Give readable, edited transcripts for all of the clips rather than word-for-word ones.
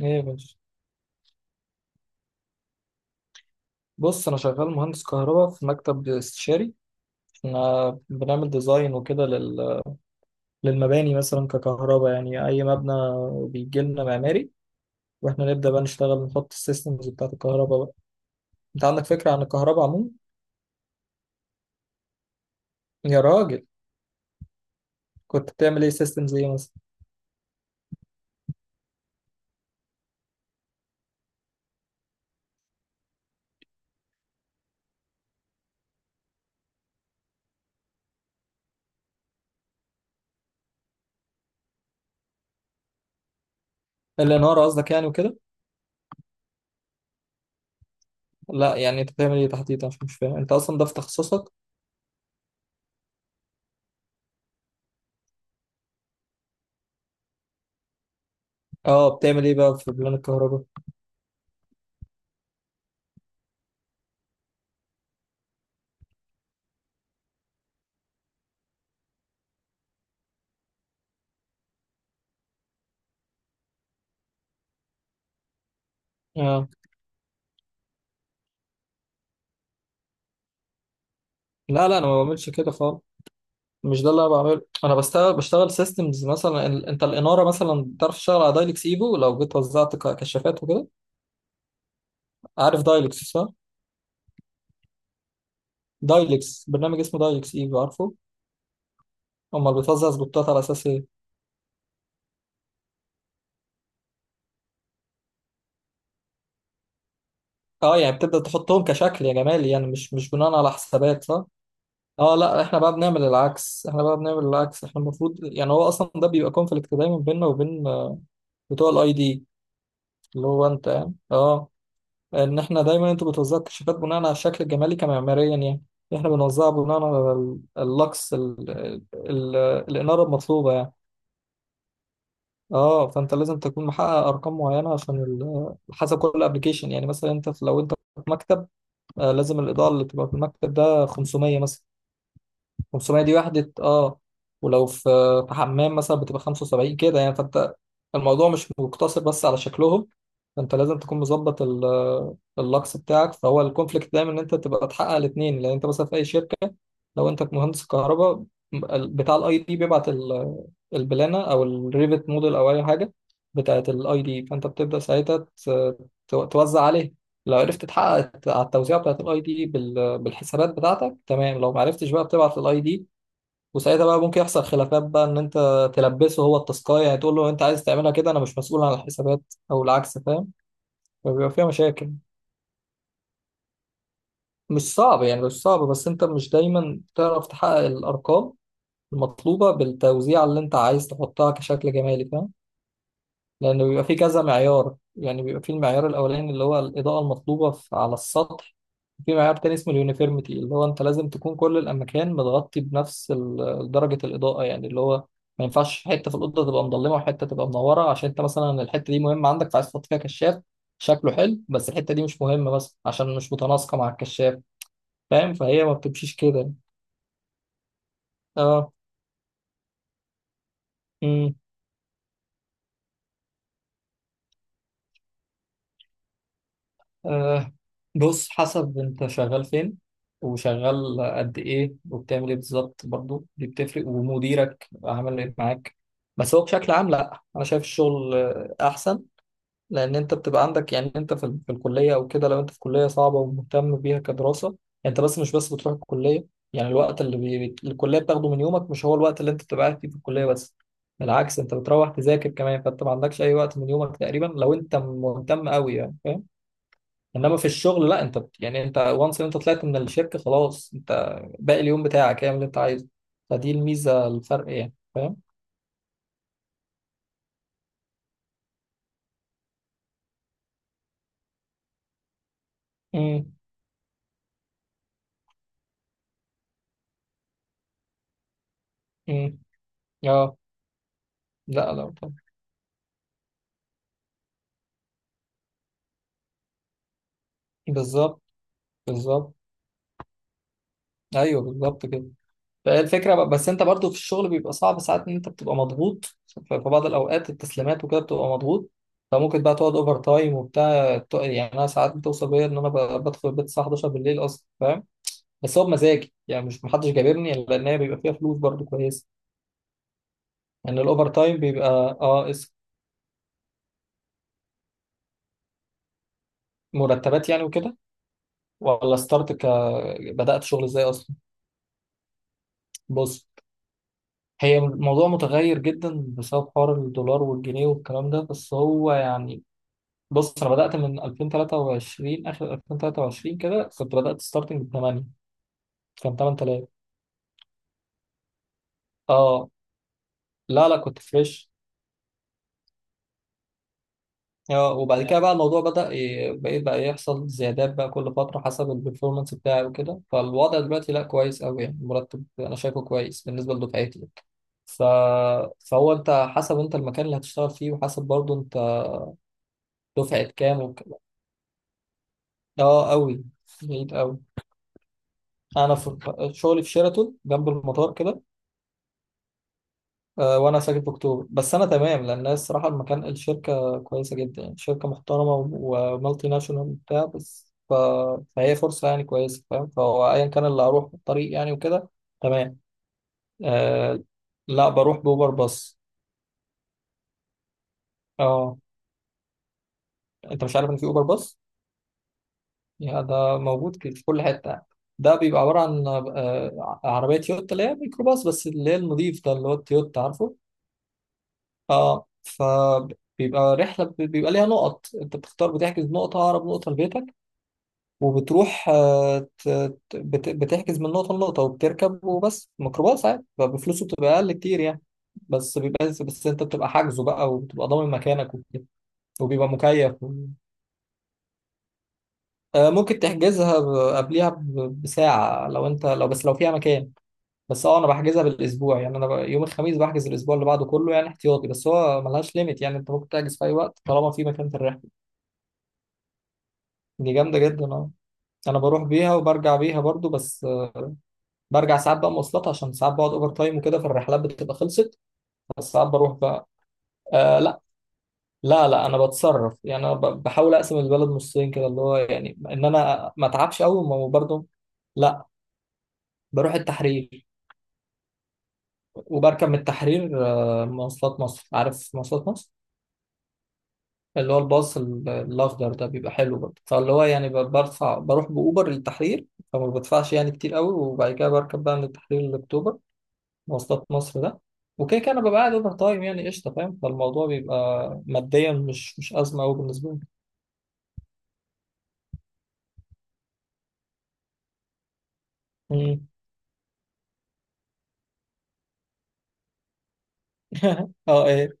ايه يا باشا؟ بص، انا شغال مهندس كهرباء في مكتب استشاري. احنا بنعمل ديزاين وكده للمباني مثلا ككهرباء، يعني اي مبنى بيجي لنا معماري، واحنا نبدا بقى نشتغل نحط السيستمز بتاعت الكهرباء بقى. انت عندك فكره عن الكهرباء عموما؟ يا راجل، كنت بتعمل ايه سيستمز ايه مثلا؟ الاناره قصدك يعني وكده؟ لا يعني انت بتعمل ايه تحديدا؟ مش فاهم انت اصلا ده في تخصصك. اه بتعمل ايه بقى في بلان الكهرباء؟ اه. لا لا انا ما بعملش كده خالص، مش ده اللي انا بعمله. انا بشتغل سيستمز، مثلا انت الاناره مثلا بتعرف تشتغل على دايلكس ايفو؟ لو جيت وزعت كشافات وكده. عارف دايلكس صح؟ دايلكس برنامج اسمه دايلكس ايفو، عارفه؟ امال بتوزع سبوتات على اساس ايه؟ اه يعني بتبدا تحطهم كشكل، يا جمال يعني، مش بناء على حسابات، صح؟ اه لا، احنا بقى بنعمل العكس، احنا بقى بنعمل العكس. احنا المفروض يعني، هو اصلا ده بيبقى كونفليكت دايما بيننا وبين بتوع الاي دي، اللي هو انت يعني، اه. ان احنا دايما انتوا بتوزعوا الكشافات بناء على الشكل الجمالي كمعماريا يعني، احنا بنوزعها بناء على اللوكس ال ال الاناره المطلوبه يعني. اه، فانت لازم تكون محقق ارقام معينه عشان حسب كل ابلكيشن يعني، مثلا انت لو انت في مكتب آه لازم الاضاءه اللي تبقى في المكتب ده 500 مثلا، 500 دي وحدة اه، ولو في حمام مثلا بتبقى 75 كده يعني. فانت الموضوع مش مقتصر بس على شكلهم، فانت لازم تكون مظبط اللكس بتاعك، فهو الكونفليكت دايما ان انت تبقى تحقق الاثنين. لان انت مثلا في اي شركة، لو انت مهندس كهرباء، بتاع الاي دي بيبعت البلانة او الريفت موديل او اي حاجة بتاعت الاي دي، فانت بتبدأ ساعتها توزع عليها. لو عرفت تحقق على التوزيع بتاعت الاي دي بالحسابات بتاعتك تمام، لو ما عرفتش بقى بتبعت الاي دي. وساعتها بقى ممكن يحصل خلافات بقى، ان انت تلبسه هو التاسكايه يعني، تقول له انت عايز تعملها كده انا مش مسؤول عن الحسابات، او العكس، فاهم؟ فبيبقى فيها مشاكل. مش صعب يعني، مش صعب، بس انت مش دايما تعرف تحقق الارقام المطلوبه بالتوزيع اللي انت عايز تحطها كشكل جمالي، فاهم؟ لأنه بيبقى فيه كذا معيار يعني، بيبقى فيه المعيار الأولاني اللي هو الإضاءة المطلوبة على السطح. في معيار تاني اسمه اليونيفيرميتي، اللي هو أنت لازم تكون كل الأماكن متغطي بنفس درجة الإضاءة يعني، اللي هو ما ينفعش حتة في الأوضة تبقى مظلمة وحتة تبقى منورة، عشان أنت مثلا الحتة دي مهمة عندك فعايز تحط فيها كشاف شكله حلو، بس الحتة دي مش مهمة، بس عشان مش متناسقة مع الكشاف، فاهم؟ فهي ما بتمشيش كده. اه. أه. بص، حسب انت شغال فين وشغال قد ايه وبتعمل ايه بالظبط، برضو دي بتفرق، ومديرك عامل ايه معاك. بس هو بشكل عام، لا انا شايف الشغل احسن، لان انت بتبقى عندك يعني، انت في الكليه او كده، لو انت في كليه صعبه ومهتم بيها كدراسه، انت بس مش بس بتروح الكليه. يعني الوقت اللي الكليه بتاخده من يومك مش هو الوقت اللي انت بتبقى قاعد فيه في الكليه بس، بالعكس انت بتروح تذاكر كمان، فانت ما عندكش اي وقت من يومك تقريبا لو انت مهتم قوي يعني. انما في الشغل لا، انت يعني انت وانس انت طلعت من الشركه خلاص، انت باقي اليوم بتاعك اعمل اللي انت عايزه. فدي الميزه، الفرق يعني، فاهم؟ امم. امم. اه. لا لا طبعا. بالظبط. بالظبط. ايوه بالظبط كده. فهي الفكره بس انت برضو في الشغل بيبقى صعب ساعات، ان انت بتبقى مضغوط في بعض الاوقات التسليمات وكده بتبقى مضغوط، فممكن بقى تقعد اوفر تايم وبتاع يعني انا ساعات بتوصل بيا ان انا بدخل البيت الساعه 11 بالليل اصلا، فاهم؟ بس هو بمزاجي يعني، مش محدش جابرني، لان هي بيبقى فيها فلوس برضو كويسه. يعني الاوفر تايم بيبقى اه اس مرتبات يعني وكده؟ ولا ستارت بدأت شغل ازاي اصلا؟ بص، هي الموضوع متغير جدا بسبب حوار الدولار والجنيه والكلام ده، بس هو يعني، بص انا بدأت من 2023، اخر 2023 كده كنت بدأت ستارتنج ب 8، كان 8000. اه. لا لا كنت فريش. اه، وبعد كده بقى الموضوع بدأ بقيت بقى يحصل زيادات بقى كل فترة حسب البرفورمانس بتاعي وكده. فالوضع دلوقتي لا كويس أوي يعني، المرتب أنا شايفه كويس بالنسبة لدفعتي يعني. ف... فهو أنت حسب أنت المكان اللي هتشتغل فيه، وحسب برضه أنت دفعة كام اه أوي. بعيد أوي. أنا شغلي في شيراتون جنب المطار كده، وانا ساكن في اكتوبر، بس انا تمام، لان الصراحه المكان الشركه كويسه جدا يعني، شركه محترمه ومالتي ناشونال وبتاع، بس فهي فرصه يعني كويسه، فاهم؟ فهو ايا كان اللي هروح في الطريق يعني وكده، تمام. آه... لا بروح باوبر باص. اه، انت مش عارف ان في اوبر باص؟ يا ده موجود في كل حته يعني. ده بيبقى عباره عن عربيه تويوتا اللي هي ميكروباص، بس اللي هي النظيف ده اللي هو التويوتا، عارفه؟ اه، فبيبقى رحلة بيبقى ليها نقط، انت بتختار بتحجز نقطة أقرب نقطة لبيتك، وبتروح بتحجز من نقطة لنقطة وبتركب وبس، ميكروباص عادي، فبفلوسه بتبقى أقل كتير يعني. بس بيبقى، بس انت بتبقى حاجزه بقى وبتبقى ضامن مكانك وكده، وبيبقى مكيف آه، ممكن تحجزها قبليها بساعة لو انت، لو بس لو فيها مكان، بس اه انا بحجزها بالاسبوع يعني، انا يوم الخميس بحجز الاسبوع اللي بعده كله يعني احتياطي، بس هو ملهاش ليميت يعني، انت ممكن تحجز في اي وقت طالما في مكان في الرحلة. دي جامدة جدا، اه. انا بروح بيها وبرجع بيها برضو، بس آه، برجع ساعات بقى مواصلات عشان ساعات بقعد اوفر تايم وكده فالرحلات بتبقى خلصت، بس ساعات بروح بقى آه. لا. لا لا انا بتصرف يعني، انا بحاول اقسم البلد نصين كده، اللي هو يعني ان انا ما اتعبش قوي وبرضه. لا بروح التحرير، وبركب من التحرير آه، مواصلات مصر، عارف مواصلات مصر؟ اللي هو الباص الاخضر ده، بيبقى حلو برضه، فاللي هو يعني برفع بروح باوبر للتحرير، فما بدفعش يعني كتير قوي، وبعد كده بركب بقى من التحرير لاكتوبر، مواصلات مصر ده. وكده كده انا ببقى قاعد اوفر تايم يعني، قشطه، فاهم؟ فالموضوع بيبقى ماديا مش ازمه قوي بالنسبه لي. مم. اه ايه؟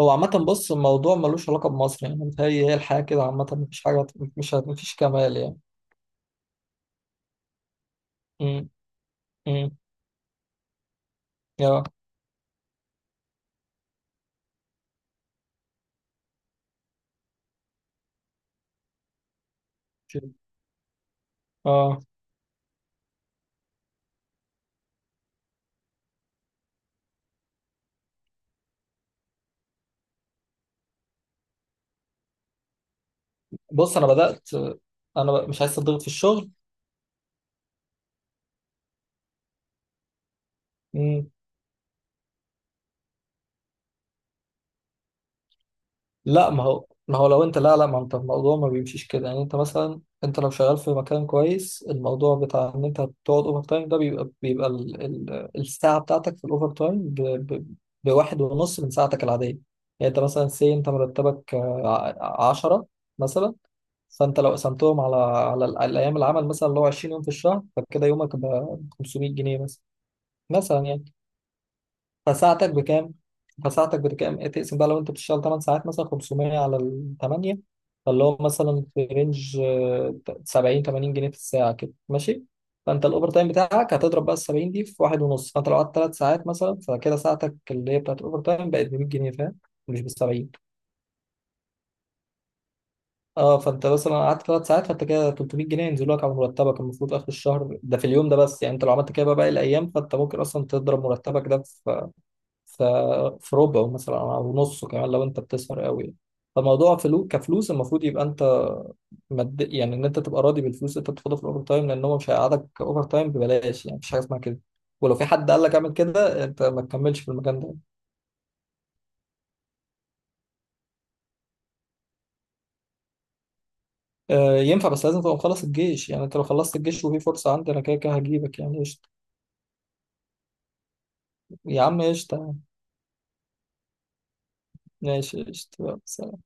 هو عامة بص الموضوع ملوش علاقة بمصر يعني، متهيألي هي الحياة كده عامة، مفيش حاجة مش مفيش كمال يعني. مم. مم. اه. اه بص أنا بدأت، أنا مش عايز أضغط في الشغل. لا، ما هو ما هو لو انت، لا لا ما انت الموضوع ما بيمشيش كده، يعني انت مثلا، انت لو شغال في مكان كويس، الموضوع بتاع ان انت تقعد اوفر تايم ده بيبقى بيبقى ال ال الساعه بتاعتك في الاوفر تايم ب ب بواحد ونص من ساعتك العاديه. يعني انت مثلا انت مرتبك آه، عشرة مثلا، فانت لو قسمتهم على الايام العمل مثلا اللي هو 20 يوم في الشهر، فكده يومك ب 500 جنيه مثلا، مثلا يعني. فساعتك بكام؟ إيه، تقسم بقى، لو انت بتشتغل 8 ساعات مثلا، 500 على ال 8، فاللي هو مثلا في رينج آه، 70 80 جنيه في الساعة كده، ماشي؟ فانت الاوفر تايم بتاعك هتضرب بقى ال 70 دي في واحد ونص، فانت لو قعدت 3 ساعات مثلا فكده ساعتك اللي هي بتاعت الاوفر تايم بقت ب 100 جنيه، فاهم؟ مش ب 70. اه، فانت مثلا قعدت 3 ساعات، فانت كده 300 جنيه ينزلوا لك على مرتبك المفروض اخر الشهر، ده في اليوم ده بس يعني، انت لو عملت كده بقى باقي الايام فانت ممكن اصلا تضرب مرتبك ده ف- في ربعه مثلا او نصه كمان لو انت بتسهر قوي. فالموضوع فلو كفلوس المفروض يبقى انت يعني ان انت تبقى راضي بالفلوس اللي انت بتاخدها في الاوفر تايم، لان هو مش هيقعدك اوفر تايم ببلاش يعني، مفيش حاجه اسمها كده، ولو في حد قال لك اعمل كده انت ما تكملش في المكان ده. آه ينفع، بس لازم تبقى مخلص الجيش يعني، انت لو خلصت الجيش وفي فرصه عندي، انا كده كده هجيبك يعني، قشطه. يا عم قشطه. ماشي قشطه.